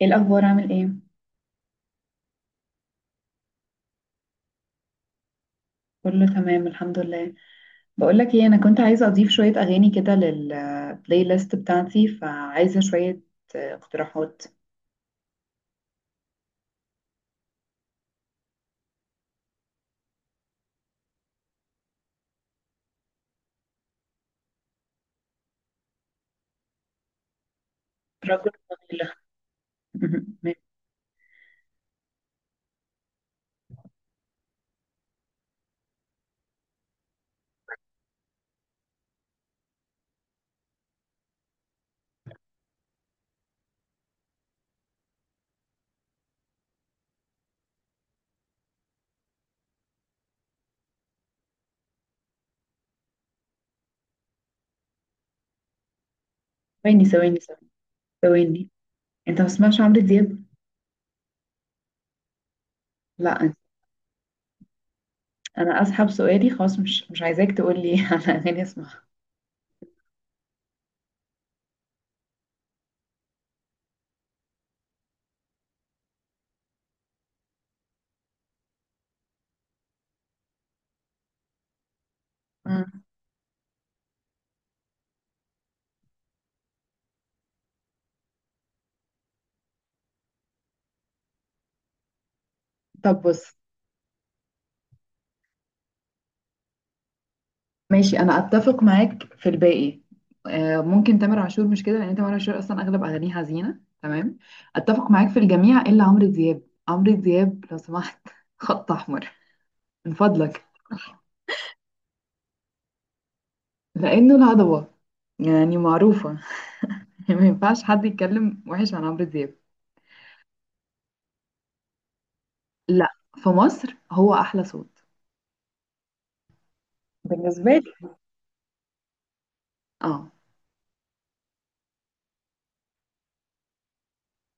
ايه الاخبار؟ عامل ايه؟ كله تمام الحمد لله. بقول لك ايه، انا كنت عايزه اضيف شويه اغاني كده للبلاي ليست بتاعتي، فعايزه شويه اقتراحات. رجل طويلة. ثواني ثواني. انت ما بتسمعش عمرو دياب؟ لا، انا اسحب سؤالي خلاص، مش عايزاك تقول لي على اغاني اسمعها. مم. طب بص. ماشي، انا اتفق معاك في الباقي، ممكن تامر عاشور مش كده، لان تامر عاشور اصلا اغلب اغانيه حزينه، تمام. اتفق معاك في الجميع الا عمرو دياب. عمرو دياب لو سمحت خط احمر، من فضلك. لانه الهضبه يعني، معروفه. ما ينفعش حد يتكلم وحش عن عمرو دياب. لا، في مصر هو احلى صوت بالنسبه لي. اه.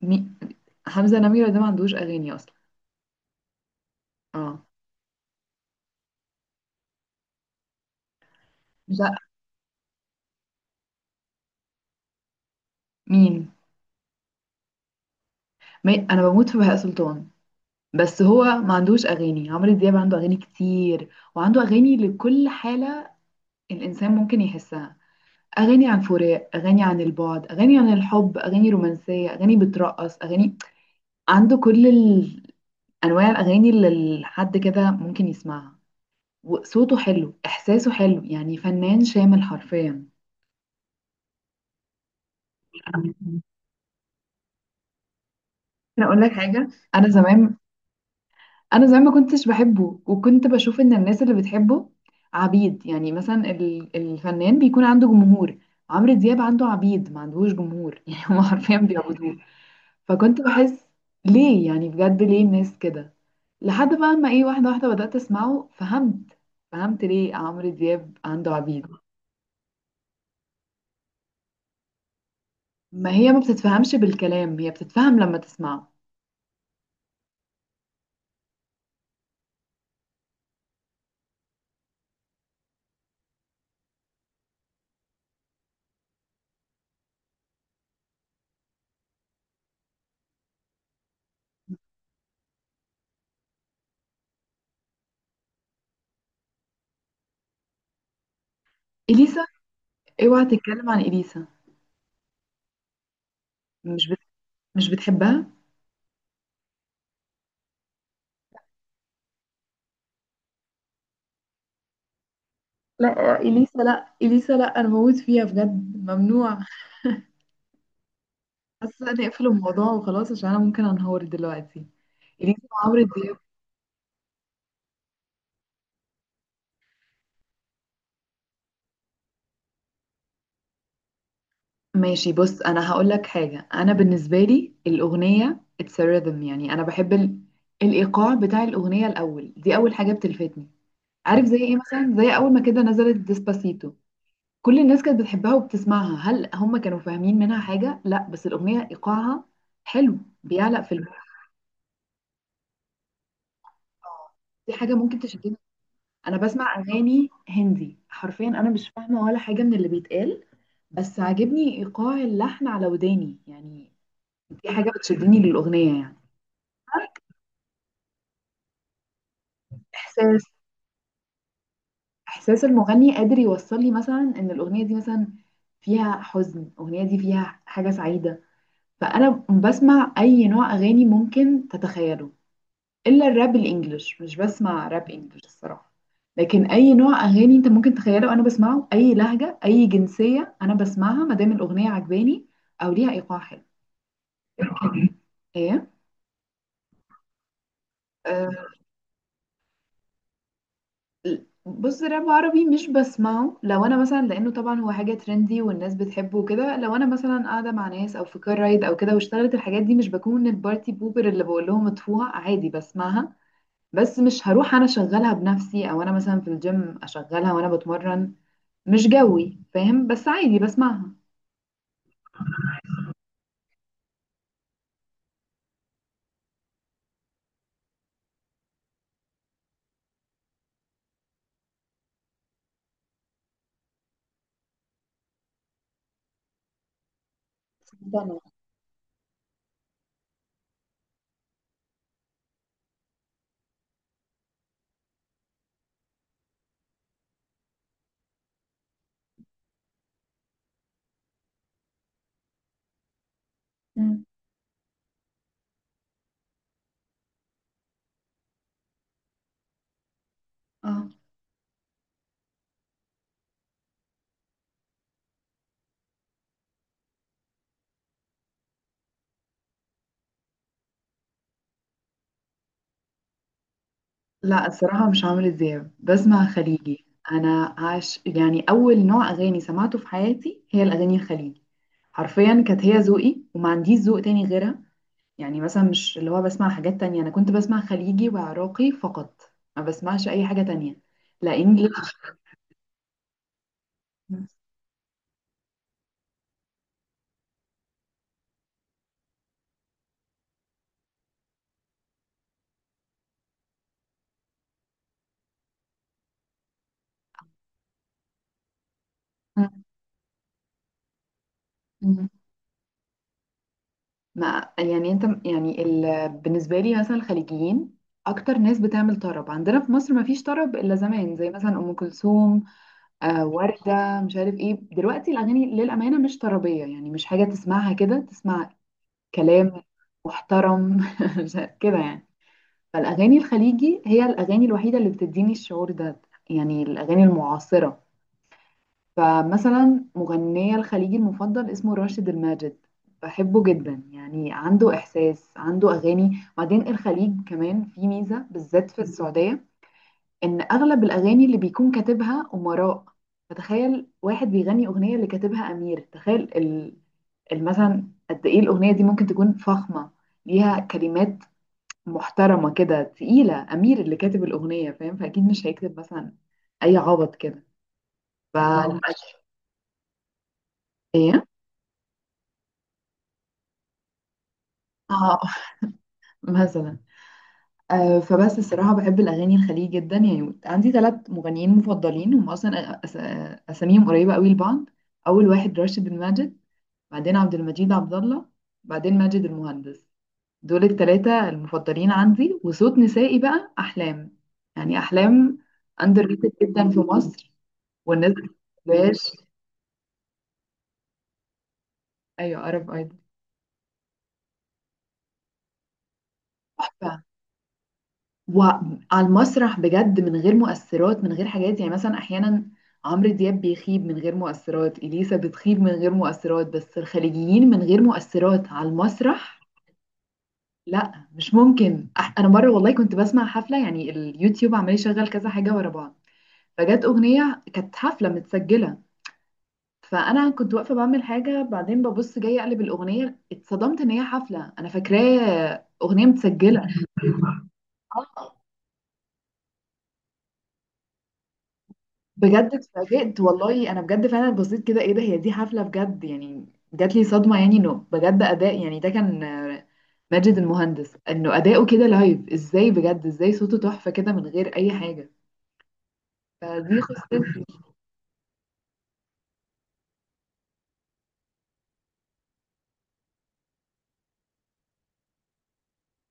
مي... حمزه نميره ده ما عندوش اغاني اصلا. اه. لا. مين؟ ما... انا بموت في بهاء سلطان، بس هو ما عندوش اغاني. عمرو دياب عنده اغاني كتير، وعنده اغاني لكل حاله الانسان ممكن يحسها. اغاني عن فراق، اغاني عن البعد، اغاني عن الحب، اغاني رومانسيه، اغاني بترقص، اغاني، عنده كل انواع الاغاني اللي حد كده ممكن يسمعها. وصوته حلو، احساسه حلو، يعني فنان شامل حرفيا. ممكن اقول لك حاجه. انا زمان، انا زمان ما كنتش بحبه، وكنت بشوف ان الناس اللي بتحبه عبيد. يعني مثلا الفنان بيكون عنده جمهور، عمرو دياب عنده عبيد ما عندهوش جمهور. يعني هما حرفيا بيعبدوه. فكنت بحس ليه يعني، بجد ليه الناس كده؟ لحد بقى ما ايه، واحده واحده بدات اسمعه، فهمت. فهمت ليه عمرو دياب عنده عبيد. ما هي ما بتتفهمش بالكلام، هي بتتفهم لما تسمعه. اليسا. اوعى تتكلم عن اليسا. مش بت... مش بتحبها. لا اليسا، لا اليسا، لا انا بموت فيها بجد، ممنوع. حاسه ان اقفل الموضوع وخلاص، عشان انا ممكن انهار دلوقتي. اليسا وعمرو دياب. ماشي بص، انا هقول لك حاجه. انا بالنسبه لي الاغنيه اتس ريذم، يعني انا بحب الايقاع بتاع الاغنيه الاول، دي اول حاجه بتلفتني. عارف زي ايه؟ مثلا زي اول ما كده نزلت ديسباسيتو، كل الناس كانت بتحبها وبتسمعها. هل هم كانوا فاهمين منها حاجه؟ لا، بس الاغنيه ايقاعها حلو، بيعلق في آه. دي حاجه ممكن تشد. انا بسمع اغاني هندي حرفيا، انا مش فاهمه ولا حاجه من اللي بيتقال، بس عاجبني ايقاع اللحن على وداني يعني. دي حاجه بتشدني للاغنيه يعني. احساس، احساس المغني قادر يوصل لي مثلا ان الاغنيه دي مثلا فيها حزن، الاغنيه دي فيها حاجه سعيده. فانا بسمع اي نوع اغاني ممكن تتخيله، الا الراب الانجليش، مش بسمع راب انجليش الصراحه. لكن اي نوع اغاني انت ممكن تخيله انا بسمعه، اي لهجه، اي جنسيه انا بسمعها، ما دام الاغنيه عجباني او ليها ايقاع حلو. ايه؟ آه، بص، راب عربي مش بسمعه. لو انا مثلا، لانه طبعا هو حاجه ترندي والناس بتحبه وكده، لو انا مثلا قاعده مع ناس او في كار رايد او كده واشتغلت الحاجات دي، مش بكون البارتي بوبر اللي بقول لهم اطفوها، عادي بسمعها. بس مش هروح انا اشغلها بنفسي، او انا مثلا في الجيم اشغلها وانا بتمرن. مش جوي فاهم، بس عادي بسمعها. مفضلة. مم. اه، لا الصراحة مش عمرو دياب، بسمع خليجي. أنا عاش يعني، أول نوع أغاني سمعته في حياتي هي الأغاني الخليجي، حرفيا كانت هي ذوقي وما عنديش ذوق تاني غيرها. يعني مثلا مش اللي هو بسمع حاجات تانية، أنا كنت بسمع خليجي وعراقي فقط، ما بسمعش أي حاجة تانية. لا. إنجليش. ما يعني انت يعني بالنسبه لي مثلا، الخليجيين اكتر ناس بتعمل طرب. عندنا في مصر ما فيش طرب الا زمان، زي مثلا ام كلثوم، آه ورده، مش عارف ايه. دلوقتي الاغاني للامانه مش طربيه، يعني مش حاجه تسمعها كده تسمع كلام محترم. مش عارف- كده يعني. فالاغاني الخليجي هي الاغاني الوحيده اللي بتديني الشعور ده، يعني الاغاني المعاصره. فمثلا مغنية الخليجي المفضل اسمه راشد الماجد، بحبه جدا، يعني عنده إحساس عنده أغاني. وبعدين الخليج كمان في ميزة، بالذات في السعودية، إن أغلب الأغاني اللي بيكون كاتبها أمراء. فتخيل واحد بيغني أغنية اللي كاتبها أمير، تخيل مثلا قد إيه الأغنية دي ممكن تكون فخمة، ليها كلمات محترمة كده، تقيلة. أمير اللي كاتب الأغنية فاهم، فأكيد مش هيكتب مثلا أي عبط كده. ف الله. إيه؟ اه. مثلا. آه، فبس الصراحة بحب الأغاني الخليجي جدا. يعني عندي ثلاث مغنيين مفضلين، هم أصلا أساميهم قريبة قوي لبعض. أول واحد راشد الماجد، بعدين عبد المجيد عبد الله، بعدين ماجد المهندس. دول الثلاثة المفضلين عندي. وصوت نسائي بقى أحلام. يعني أحلام أندر ريتد جدا في مصر، والناس ما بتحبهاش. أيوة، عرب أيضا. وعلى المسرح بجد، من غير مؤثرات، من غير حاجات. يعني مثلا احيانا عمرو دياب بيخيب من غير مؤثرات، اليسا بتخيب من غير مؤثرات، بس الخليجيين من غير مؤثرات على المسرح. لا مش ممكن. انا مره والله كنت بسمع حفله، يعني اليوتيوب عمال يشغل كذا حاجه ورا بعض، فجت اغنيه كانت حفله متسجله، فانا كنت واقفه بعمل حاجه، بعدين ببص جاي اقلب الاغنيه، اتصدمت ان هي حفله، انا فاكراه اغنيه متسجله. بجد اتفاجئت والله، انا بجد فعلا بصيت كده، ايه ده، هي دي حفله بجد يعني؟ جات لي صدمه يعني، انه بجد اداء. يعني ده كان ماجد المهندس، انه اداؤه كده لايف ازاي بجد، ازاي صوته تحفه كده من غير اي حاجه. فدي خسرت.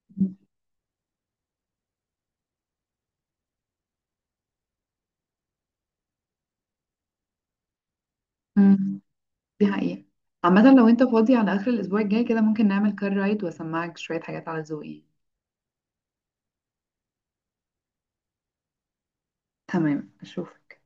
مم. دي حقيقه. عامه لو انت فاضي على اخر الاسبوع الجاي كده، ممكن نعمل كار رايد واسمعك شويه حاجات على ذوقي. تمام، اشوفك.